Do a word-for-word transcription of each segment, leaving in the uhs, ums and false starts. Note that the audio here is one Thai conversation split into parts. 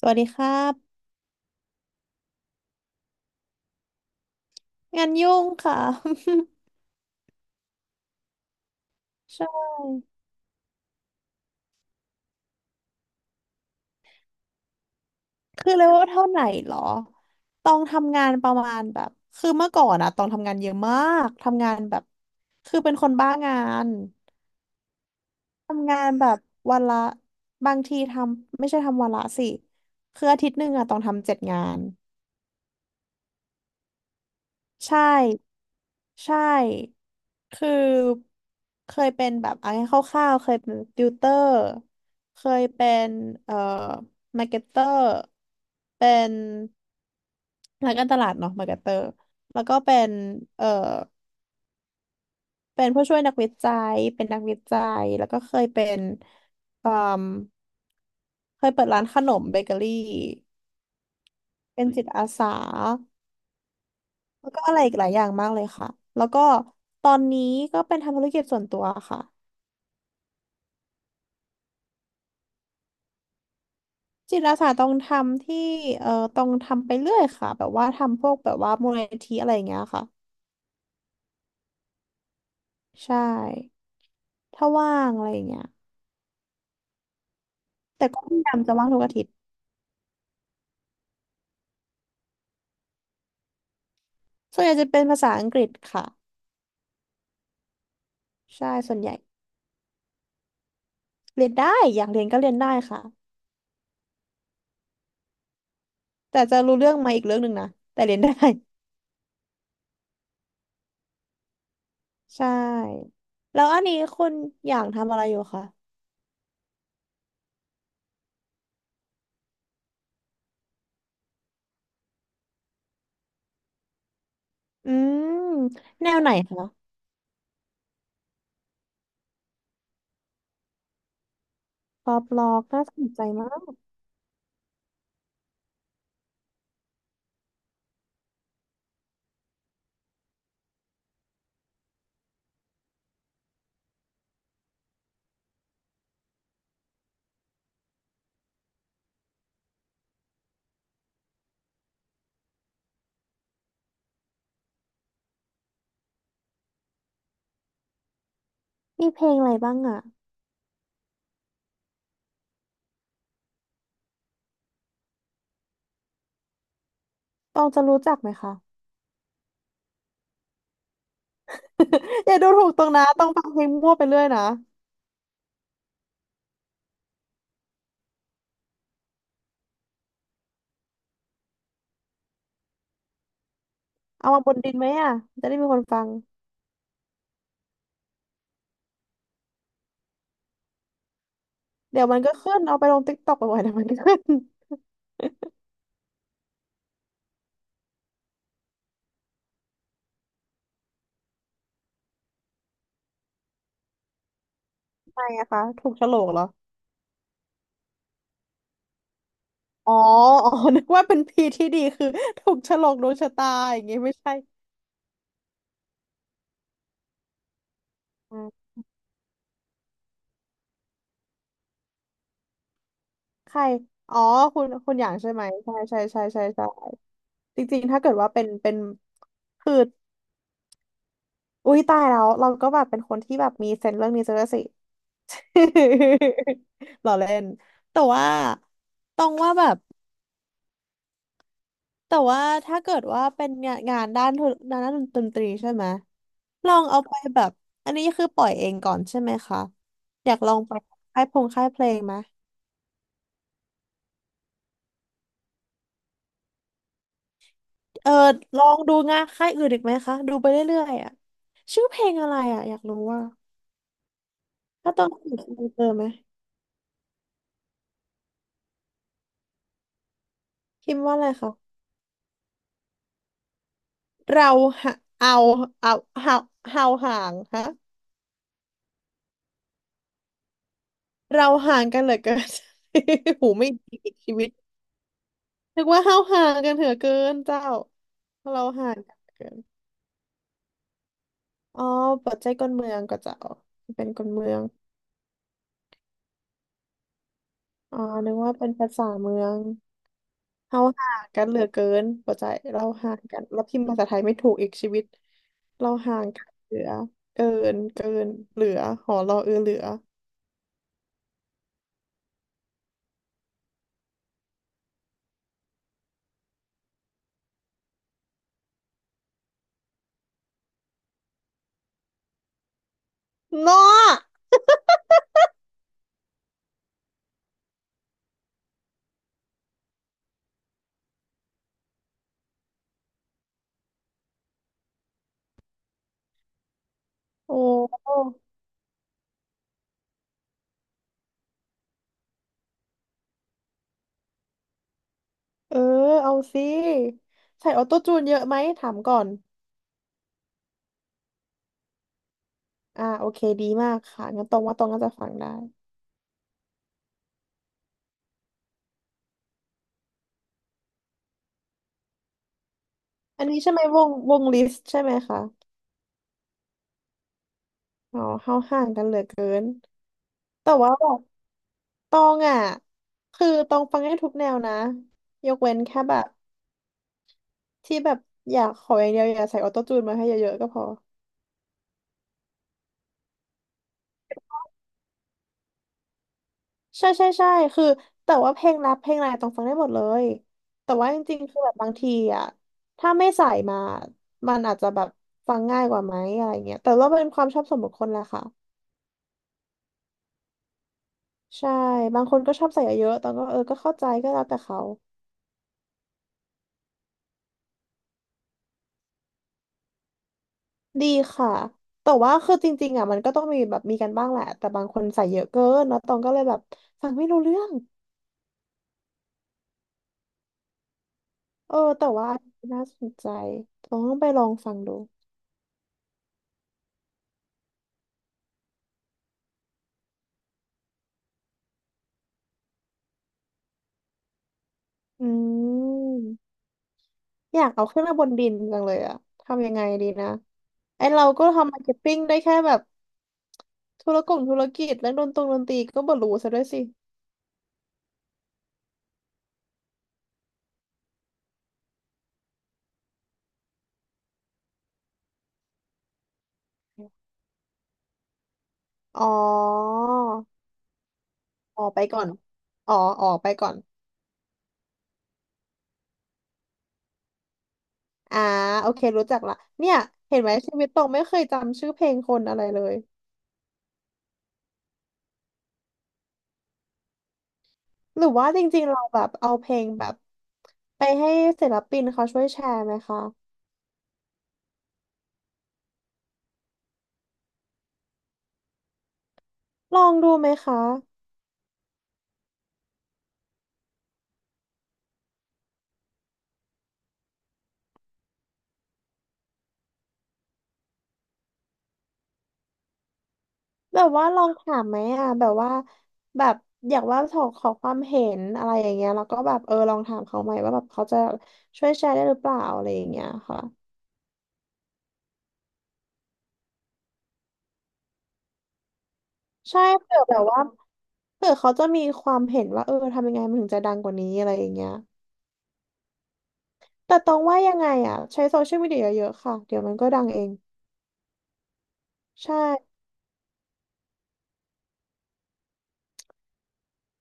สวัสดีครับงานยุ่งค่ะ ใช่คือเลเวลเท่าไหนเหรอต้องทำงานประมาณแบบคือเมื่อก่อนอะต้องทำงานเยอะมากทำงานแบบคือเป็นคนบ้างานทำงานแบบวันละบางทีทำไม่ใช่ทำวันละสิคืออาทิตย์หนึ่งอะต้องทำเจ็ดงาน ใช่ใช่คือเคยเป็นแบบเอะงรายคร่าวๆเคยเป็นติวเตอร์เคยเป็นเอ่อมาร์เก็ตเตอร์เป็นนักการตลาดเนาะมาร์เก็ตเตอร์แล้วก็เป็นเอ่อเป็นผู้ช่วยนักวิจัยเป็นนักวิจัยแล้วก็เคยเป็นเอ่มเคยเปิดร้านขนมเบเกอรี่เป็นจิตอาสา แล้วก็อะไรอีกหลายอย่างมากเลยค่ะแล้วก็ตอนนี้ก็เป็นทำธุรกิจส่วนตัวค่ะจิตอาสาต้องทำที่เอ่อต้องทำไปเรื่อยค่ะแบบว่าทำพวกแบบว่ามูลนิธิอะไรอย่างเงี้ยค่ะใช่ถ้าว่างอะไรอย่างเงี้ยแต่ก็พยายามจะว่างทุกอาทิตย์ส่วนใหญ่จะเป็นภาษาอังกฤษค่ะใช่ส่วนใหญ่เรียนได้อยากเรียนก็เรียนได้ค่ะแต่จะรู้เรื่องมาอีกเรื่องหนึ่งนะแต่เรียนได้ ใช่แล้วอันนี้คุณอยากทำอะไรอยู่คะอืมแนวไหนคะ ป๊อปล็อกน่าสนใจมาก มีเพลงอะไรบ้างอ่ะต้องจะรู้จักไหมคะ อย่าดูถูกตรงนะต้องฟังเพลงมั่วไปเรื่อยนะ เอามาบนดินไหมอ่ะจะได้มีคนฟัง เดี๋ยวมันก็ขึ้น เอาไปลงติ๊กต็อกบ่อยๆเดี๋ยวมันก็ขึ้นทำไมอะคะถูกโฉลกเหรออ๋ออ๋อ นึกว่าเป็นพีที่ดีคือถูกโฉลกดวงชะตาอย่างงี้ไม่ใช่อ่าใคร อ๋อคุณคุณอย่างใช่ไหมใช่ใช่ใช่ใช่ใช่จริงๆถ้าเกิดว่าเป็นเป็นคืออุ้ยตายแล้วเราก็แบบเป็นคนที่แบบมีเซนส์เรื่องนี้ซะด้วยสิ ล้อเล่นแต่ว่าต้องว่าแบบแต่ว่าถ้าเกิดว่าเป็นงานงานด้านธุด้านดนตรีใช่ไหมลองเอาไปแบบอันนี้คือปล่อยเองก่อนใช่ไหมคะอยากลองไปค่ายพงค่ายเพลงไหมเออลองดูงานค่ายอื่นอีกไหมคะดูไปเรื่อยๆอ่ะชื่อเพลงอะไรอ่ะอยากรู้ว่าถ้าต้องสืบดูเจอไหมคิมว่าอะไรคะเราหะเอาเอาเอาเอาห่างฮะ เราห่างกันเหลือเกิน หูไม่ดีอีกชีวิตนึกว่าเฮาห่างกันเหลือเกินเจ้าเราห่างกันเหลือเกินอ๋อปัจจัยคนเมืองก็เจ้าเป็นคนเมืองอ๋อนึกว่าเป็นภาษาเมืองเฮาห่างกันเหลือเกินปัจจัยเราห่างกันแล้วพิมพ์ภาษาไทยไม่ถูกอีกชีวิตเราห่างกันเหลือ เกิน เกิน เหลือหอรอเออเหลือเนาะโอ้เออเอาสิใส่ออโต้จูนเยอะไหมถามก่อน อ่าโอเคดีมากค่ะงั้นตรงว่าตรงก็จะฟังได้อันนี้ใช่ไหมวงวงลิสต์ใช่ไหมคะอ๋อเข้าห่างกันเหลือเกินแต่ว่าแบบตองอ่ะคือตองฟังได้ทุกแนวนะยกเว้นแค่แบบที่แบบอยากขออย่างเดียวอย่าใส่ออโต้จูนมาให้เยอะๆก็พอใช่ใช่ใช่คือแต่ว่าเพลงรักเพลงอะไรต้องฟังได้หมดเลยแต่ว่าจริงๆคือแบบบางทีอ่ะถ้าไม่ใส่มามันอาจจะแบบฟังง่ายกว่าไหมอะไรเงี้ยแต่ว่าเป็นความชอบส่วนบุคคลแหละค่ะ ใช่บางคนก็ชอบใส่เยอะๆตอนก็เออก็เข้าใจก็แล้วแต่เขาดีค่ะแต่ว่าคือจริงๆอ่ะมันก็ต้องมีแบบมีกันบ้างแหละแต่บางคนใส่เยอะเกินแล้วตองก็เลยแบบฟังไม่รู้เรื่องเออแต่ว่าน่าสนใจต้องไปลองฟังดูอืมอยากเอาขึ้นมาบนดินจังเลยอะทำยังไงดีนะไอเราก็ทำมาร์เก็ตติ้งได้แค่แบบธุรกงธุรกิจและดนตรงดนตรีก็บ่รู้ซะด้วยสิอ๋อออกไปก่อนอ๋อออกไปก่อน อ่าโอเครู้จักละเนี่ยเห็นไหมชีวิตตรงไม่เคยจำชื่อเพลงคนอะไรเลยหรือว่าจริงๆเราแบบเอาเพลงแบบไปให้ศิลปินเขาช่วยแชร์ไหมคะลองดูไหมคะแบบว่าลองถามไหมอ่ะแบบว่าแบบอยากว่าขอขอความเห็นอะไรอย่างเงี้ยแล้วก็แบบเออลองถามเขาไหมว่าแบบเขาจะช่วยแชร์ได้หรือเปล่าอะไรอย่างเงี้ยค่ะใช่เผื่อแบบว่าเผื่อเขาจะมีความเห็นว่าเออทำยังไงมันถึงจะดังกว่านี้อะไรอย่างเงี้ย แต่ตองว่ายังไงอ่ะใช้โซเชียลมีเดียเยอะๆค่ะเดี๋ยวมันก็ดังเองใช่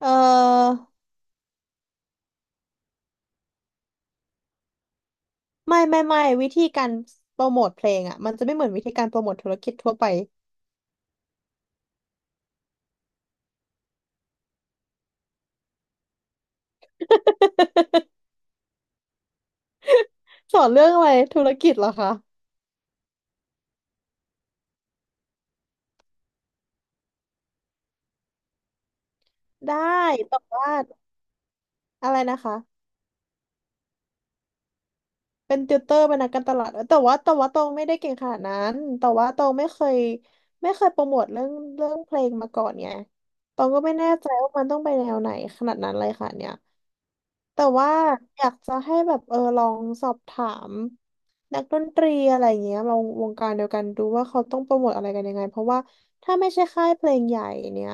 เออไม่ไม่ไม่วิธีการโปรโมทเพลงอ่ะมันจะไม่เหมือนวิธีการโปรโมทธุรกิจทั่วไปสอนเรื่องอะไรธุรกิจเหรอคะได้แต่ว่าอะไรนะคะเป็นติวเตอร์เป็นนักการตลาดเอยแต่ว่าแต่ว่าตองไม่ได้เก่งขนาดนั้นแต่ว่าตองไม่เคยไม่เคยโปรโมทเรื่องเรื่องเพลงมาก่อนไงตองก็ไม่แน่ใจว่ามันต้องไปแนวไหนขนาดนั้นเลยค่ะเนี่ย แต่ว่าอยากจะให้แบบเออลองสอบถามนักดนตรีอะไรอย่างเงี้ยเราวงการเดียวกันดูว่าเขาต้องโปรโมทอะไรกันยังไงเพราะว่าถ้าไม่ใช่ค่ายเพลงใหญ่เนี่ย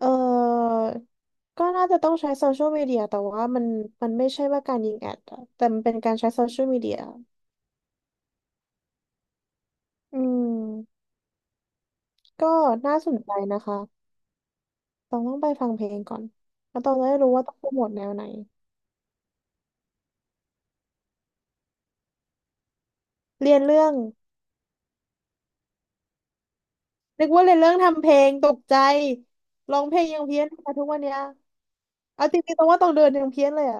เออก็น่าจะต้องใช้โซเชียลมีเดียแต่ว่ามันมันไม่ใช่ว่าการยิงแอดอะแต่มันเป็นการใช้โซเชียลมีเดียอืมก็น่าสนใจนะคะต้องต้องไปฟังเพลงก่อนแล้วต้องจะได้รู้ว่าต้องโปรโมทแนวไหนเรียนเรื่องนึกว่าเรียนเรื่องทำเพลงตกใจร้องเพลงยังเพี้ยนมาทุกวันเนี้ย เอาจริงๆตรงว่าตองเดินยังเพี้ยนเลยอะ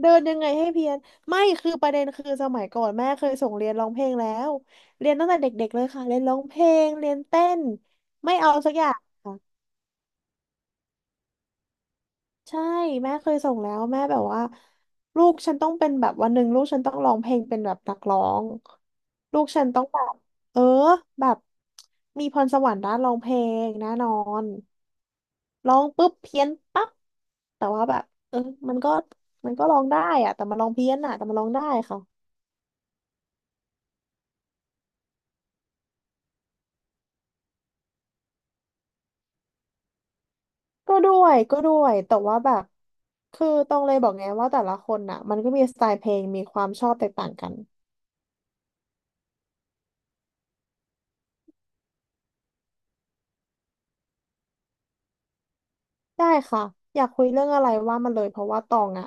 เดินยังไงให้เพี้ยนไม่คือประเด็นคือสมัยก่อนแม่เคยส่งเรียนร้องเพลงแล้วเรียนตั้งแต่เด็กๆเลยค่ะเรียนร้องเพลงเรียนเต้นไม่เอาสักอย่างค่ะ ใช่แม่เคยส่งแล้วแม่แบบว่าลูกฉันต้องเป็นแบบวันหนึ่งลูกฉันต้องร้องเพลงเป็นแบบนักร้องลูกฉันต้องแบบเออแบบมีพรสวรรค์ด้านร้องเพลงแน่นอนร้องปุ๊บเพี้ยนปั๊บแต่ว่าแบบเออมันก็มันก็ร้องได้อะแต่มันร้องเพี้ยนอะแต่มันร้องได้ค่ะก็ด้วยก็ด้วยแต่ว่าแบบคือต้องเลยบอกไงว่าแต่ละคนน่ะมันก็มีสไตล์เพลงมีความชอบแตกต่างกัน ได้ค่ะอยากคุยเรื่องอะไรว่ามาเลยเพราะว่าตองอะ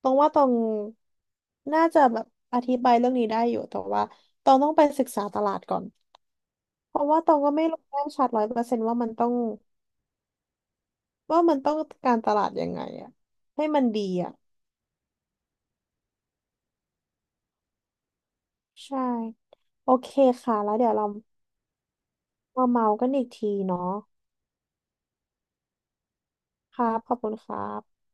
ตองว่าตองน่าจะแบบอธิบายเรื่องนี้ได้อยู่แต่ว่าตองต้องไปศึกษาตลาดก่อนเพราะว่าตองก็ไม่รู้แน่ชัดร้อยเปอร์เซนต์ว่ามันต้องว่ามันต้องการตลาดยังไงอะให้มันดีอะใช่โอเคค่ะแล้วเดี๋ยวเรามาเมากันอีกทีเนาะครับขอบคุณครับ